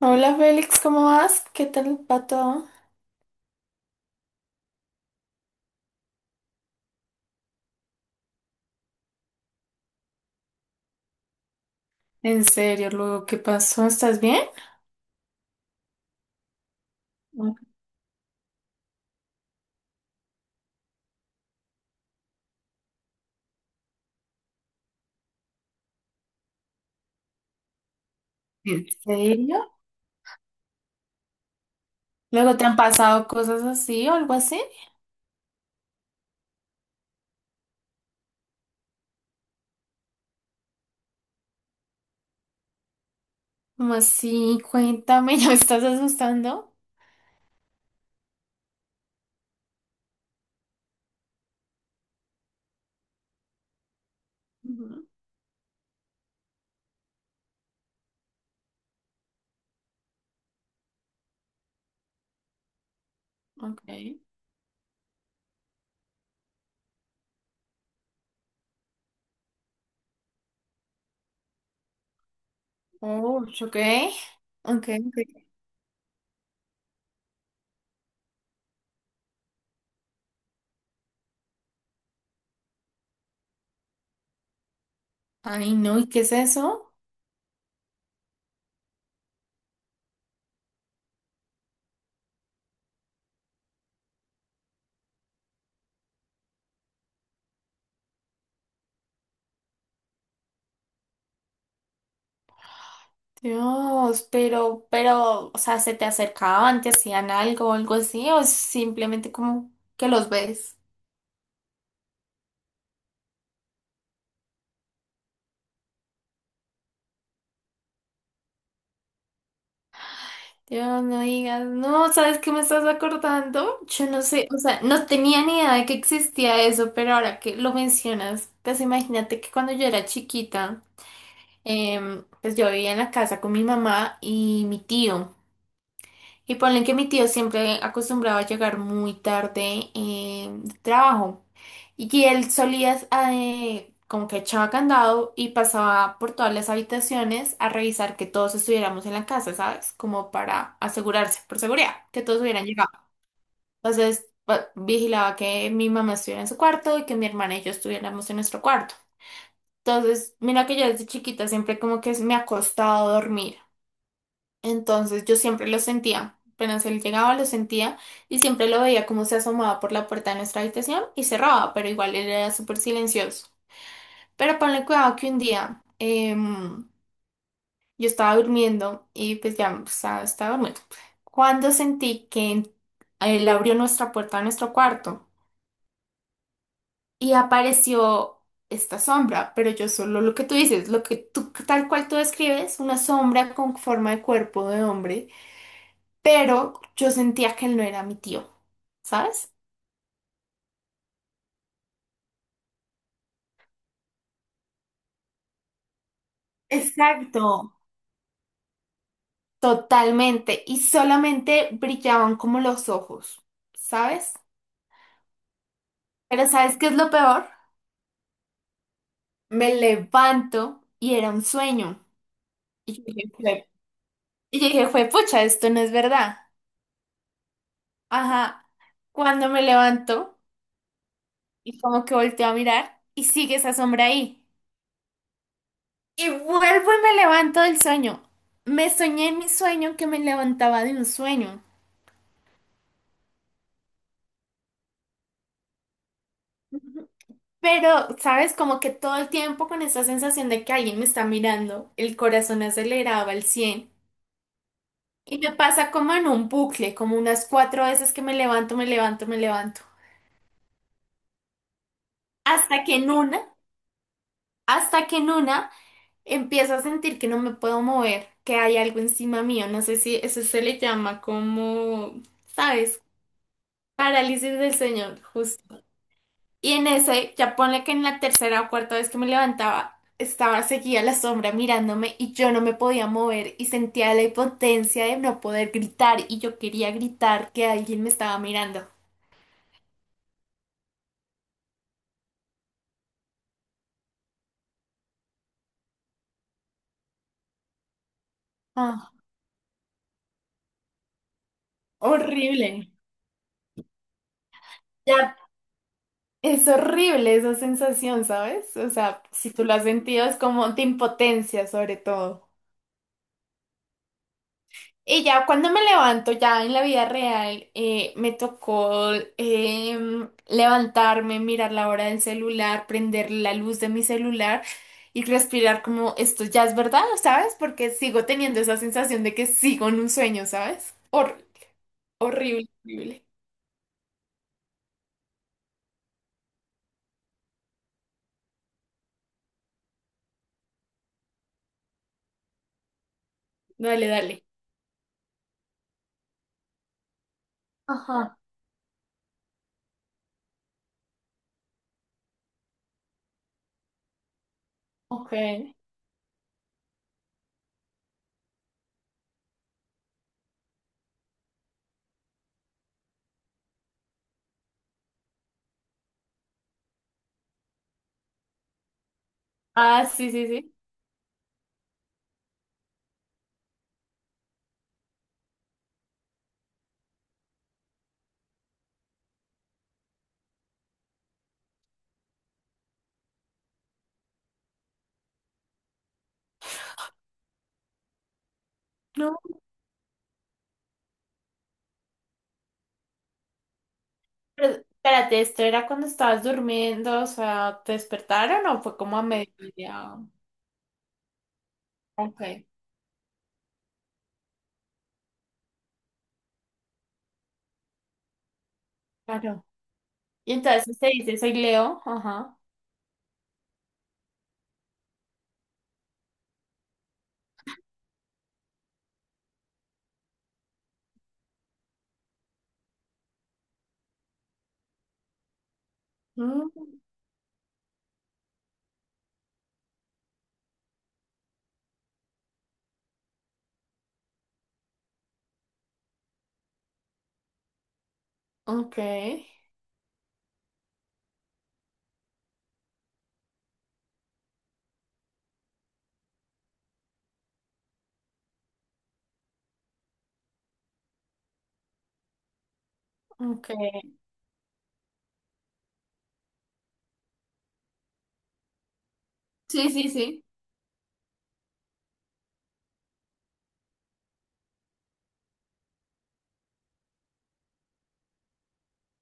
Hola Félix, ¿cómo vas? ¿Qué tal va todo? ¿En serio, luego qué pasó? ¿Estás bien? ¿En serio? ¿Luego te han pasado cosas así o algo así? ¿Cómo así? Cuéntame, ¿ya me estás asustando? Ujú, ok. Oh, ok. Ok, ok. Ay, no, ¿y qué es eso? Dios, pero, o sea, ¿se te acercaban, te hacían algo o algo así? ¿O simplemente como que los ves? Dios, no digas, no, ¿sabes qué me estás acordando? Yo no sé, o sea, no tenía ni idea de que existía eso, pero ahora que lo mencionas, pues imagínate que cuando yo era chiquita, pues yo vivía en la casa con mi mamá y mi tío. Y ponle que mi tío siempre acostumbraba a llegar muy tarde de trabajo. Y él solía, como que echaba candado y pasaba por todas las habitaciones a revisar que todos estuviéramos en la casa, ¿sabes? Como para asegurarse, por seguridad, que todos hubieran llegado. Entonces, vigilaba que mi mamá estuviera en su cuarto y que mi hermana y yo estuviéramos en nuestro cuarto. Entonces, mira que yo desde chiquita siempre como que me ha costado dormir. Entonces yo siempre lo sentía. Apenas él llegaba, lo sentía y siempre lo veía como se asomaba por la puerta de nuestra habitación y cerraba, pero igual él era súper silencioso. Pero ponle cuidado que un día yo estaba durmiendo y pues ya pues, estaba durmiendo. Cuando sentí que él abrió nuestra puerta a nuestro cuarto y apareció esta sombra, pero yo solo lo que tú dices, lo que tú tal cual tú describes, una sombra con forma de cuerpo de hombre pero yo sentía que él no era mi tío, ¿sabes? Exacto. Totalmente, y solamente brillaban como los ojos, ¿sabes? Pero ¿sabes qué es lo peor? Me levanto y era un sueño. Y yo dije, "Jue- y yo dije, fue pucha, esto no es verdad. Ajá, cuando me levanto y como que volteo a mirar y sigue esa sombra ahí. Y vuelvo y me levanto del sueño. Me soñé en mi sueño que me levantaba de un sueño. Pero, ¿sabes? Como que todo el tiempo con esa sensación de que alguien me está mirando, el corazón aceleraba al cien. Y me pasa como en un bucle, como unas cuatro veces que me levanto, me levanto, me levanto. Hasta que en una, hasta que en una, empiezo a sentir que no me puedo mover, que hay algo encima mío. No sé si eso se le llama como, ¿sabes? Parálisis del sueño, y en ese, ya ponle que en la tercera o cuarta vez que me levantaba, estaba seguía la sombra mirándome y yo no me podía mover y sentía la impotencia de no poder gritar y yo quería gritar que alguien me estaba mirando. Ah, horrible. Ya, es horrible esa sensación, ¿sabes? O sea, si tú lo has sentido es como de impotencia sobre todo. Y ya cuando me levanto, ya en la vida real, me tocó levantarme, mirar la hora del celular, prender la luz de mi celular y respirar como esto ya es verdad, ¿sabes? Porque sigo teniendo esa sensación de que sigo en un sueño, ¿sabes? Horrible, horrible. Dale, dale. Ajá, ok. Ah, sí, sí, sí. No, pero espérate, ¿esto era cuando estabas durmiendo? O sea, ¿te despertaron o fue como a mediodía? Ok, claro. Y entonces usted dice, soy Leo. Ajá. Mm, ok, ok. Sí, sí, sí.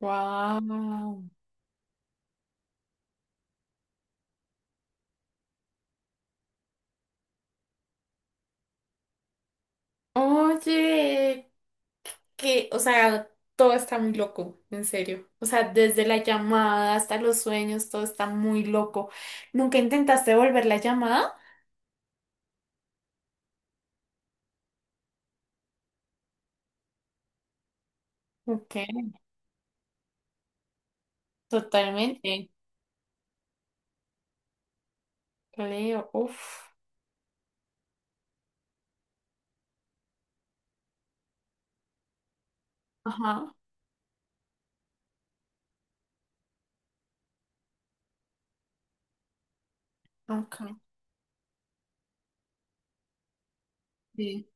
Wow. Oye, que, o sea, todo está muy loco, en serio. O sea, desde la llamada hasta los sueños, todo está muy loco. ¿Nunca intentaste volver la llamada? Ok, totalmente. Leo, uff. Ajá, ok. Sí.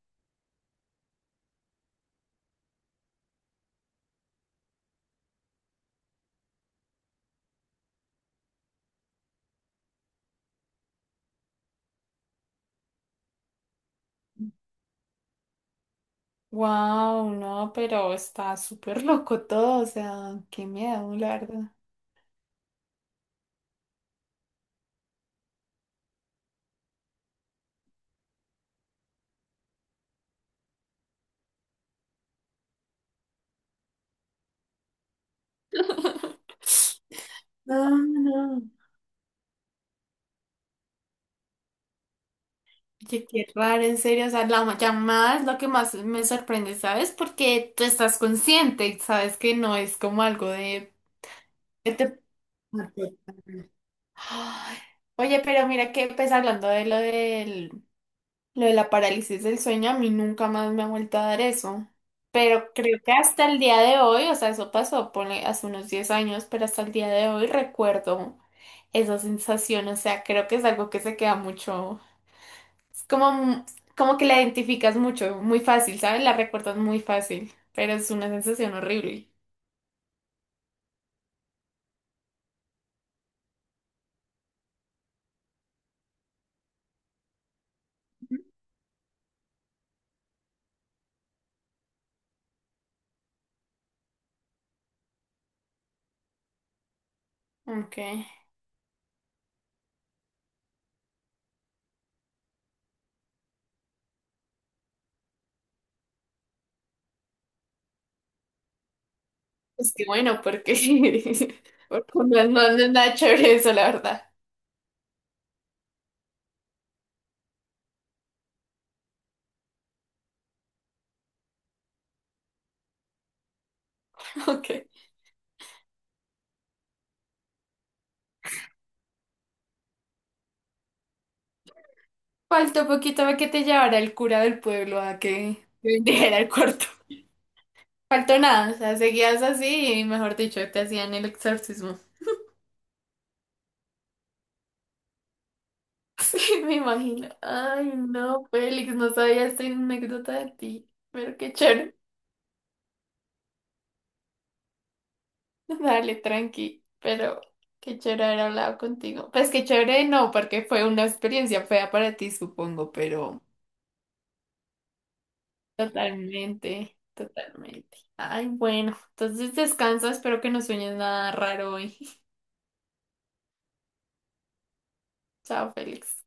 Wow, no, pero está súper loco todo, o sea, qué miedo, la verdad. No, no. Oye, qué raro, en serio. O sea, la llamada es lo que más me sorprende, ¿sabes? Porque tú estás consciente y sabes que no es como algo de... que te- Ay, oye, pero mira que pues hablando de lo del, lo de la parálisis del sueño, a mí nunca más me ha vuelto a dar eso. Pero creo que hasta el día de hoy, o sea, eso pasó ponle, hace unos 10 años, pero hasta el día de hoy recuerdo esa sensación. O sea, creo que es algo que se queda mucho. Es como, como que la identificas mucho, muy fácil, ¿sabes? La recuerdas muy fácil, pero es una sensación horrible. Ok. Es que bueno, porque, porque no, no no es nada chévere eso, la verdad. Ok. Faltó poquito para que te llevara el cura del pueblo a que te vendiera el cuarto. Faltó nada, o sea, seguías así y mejor dicho, te hacían el exorcismo. Sí, me imagino. Ay, no, Félix, no sabía esta anécdota de ti, pero qué chévere. Dale, tranqui, pero qué chévere haber hablado contigo. Pues qué chévere no, porque fue una experiencia fea para ti, supongo, pero totalmente, totalmente. Ay, bueno, entonces descansa, espero que no sueñes nada raro hoy. Chao, Félix.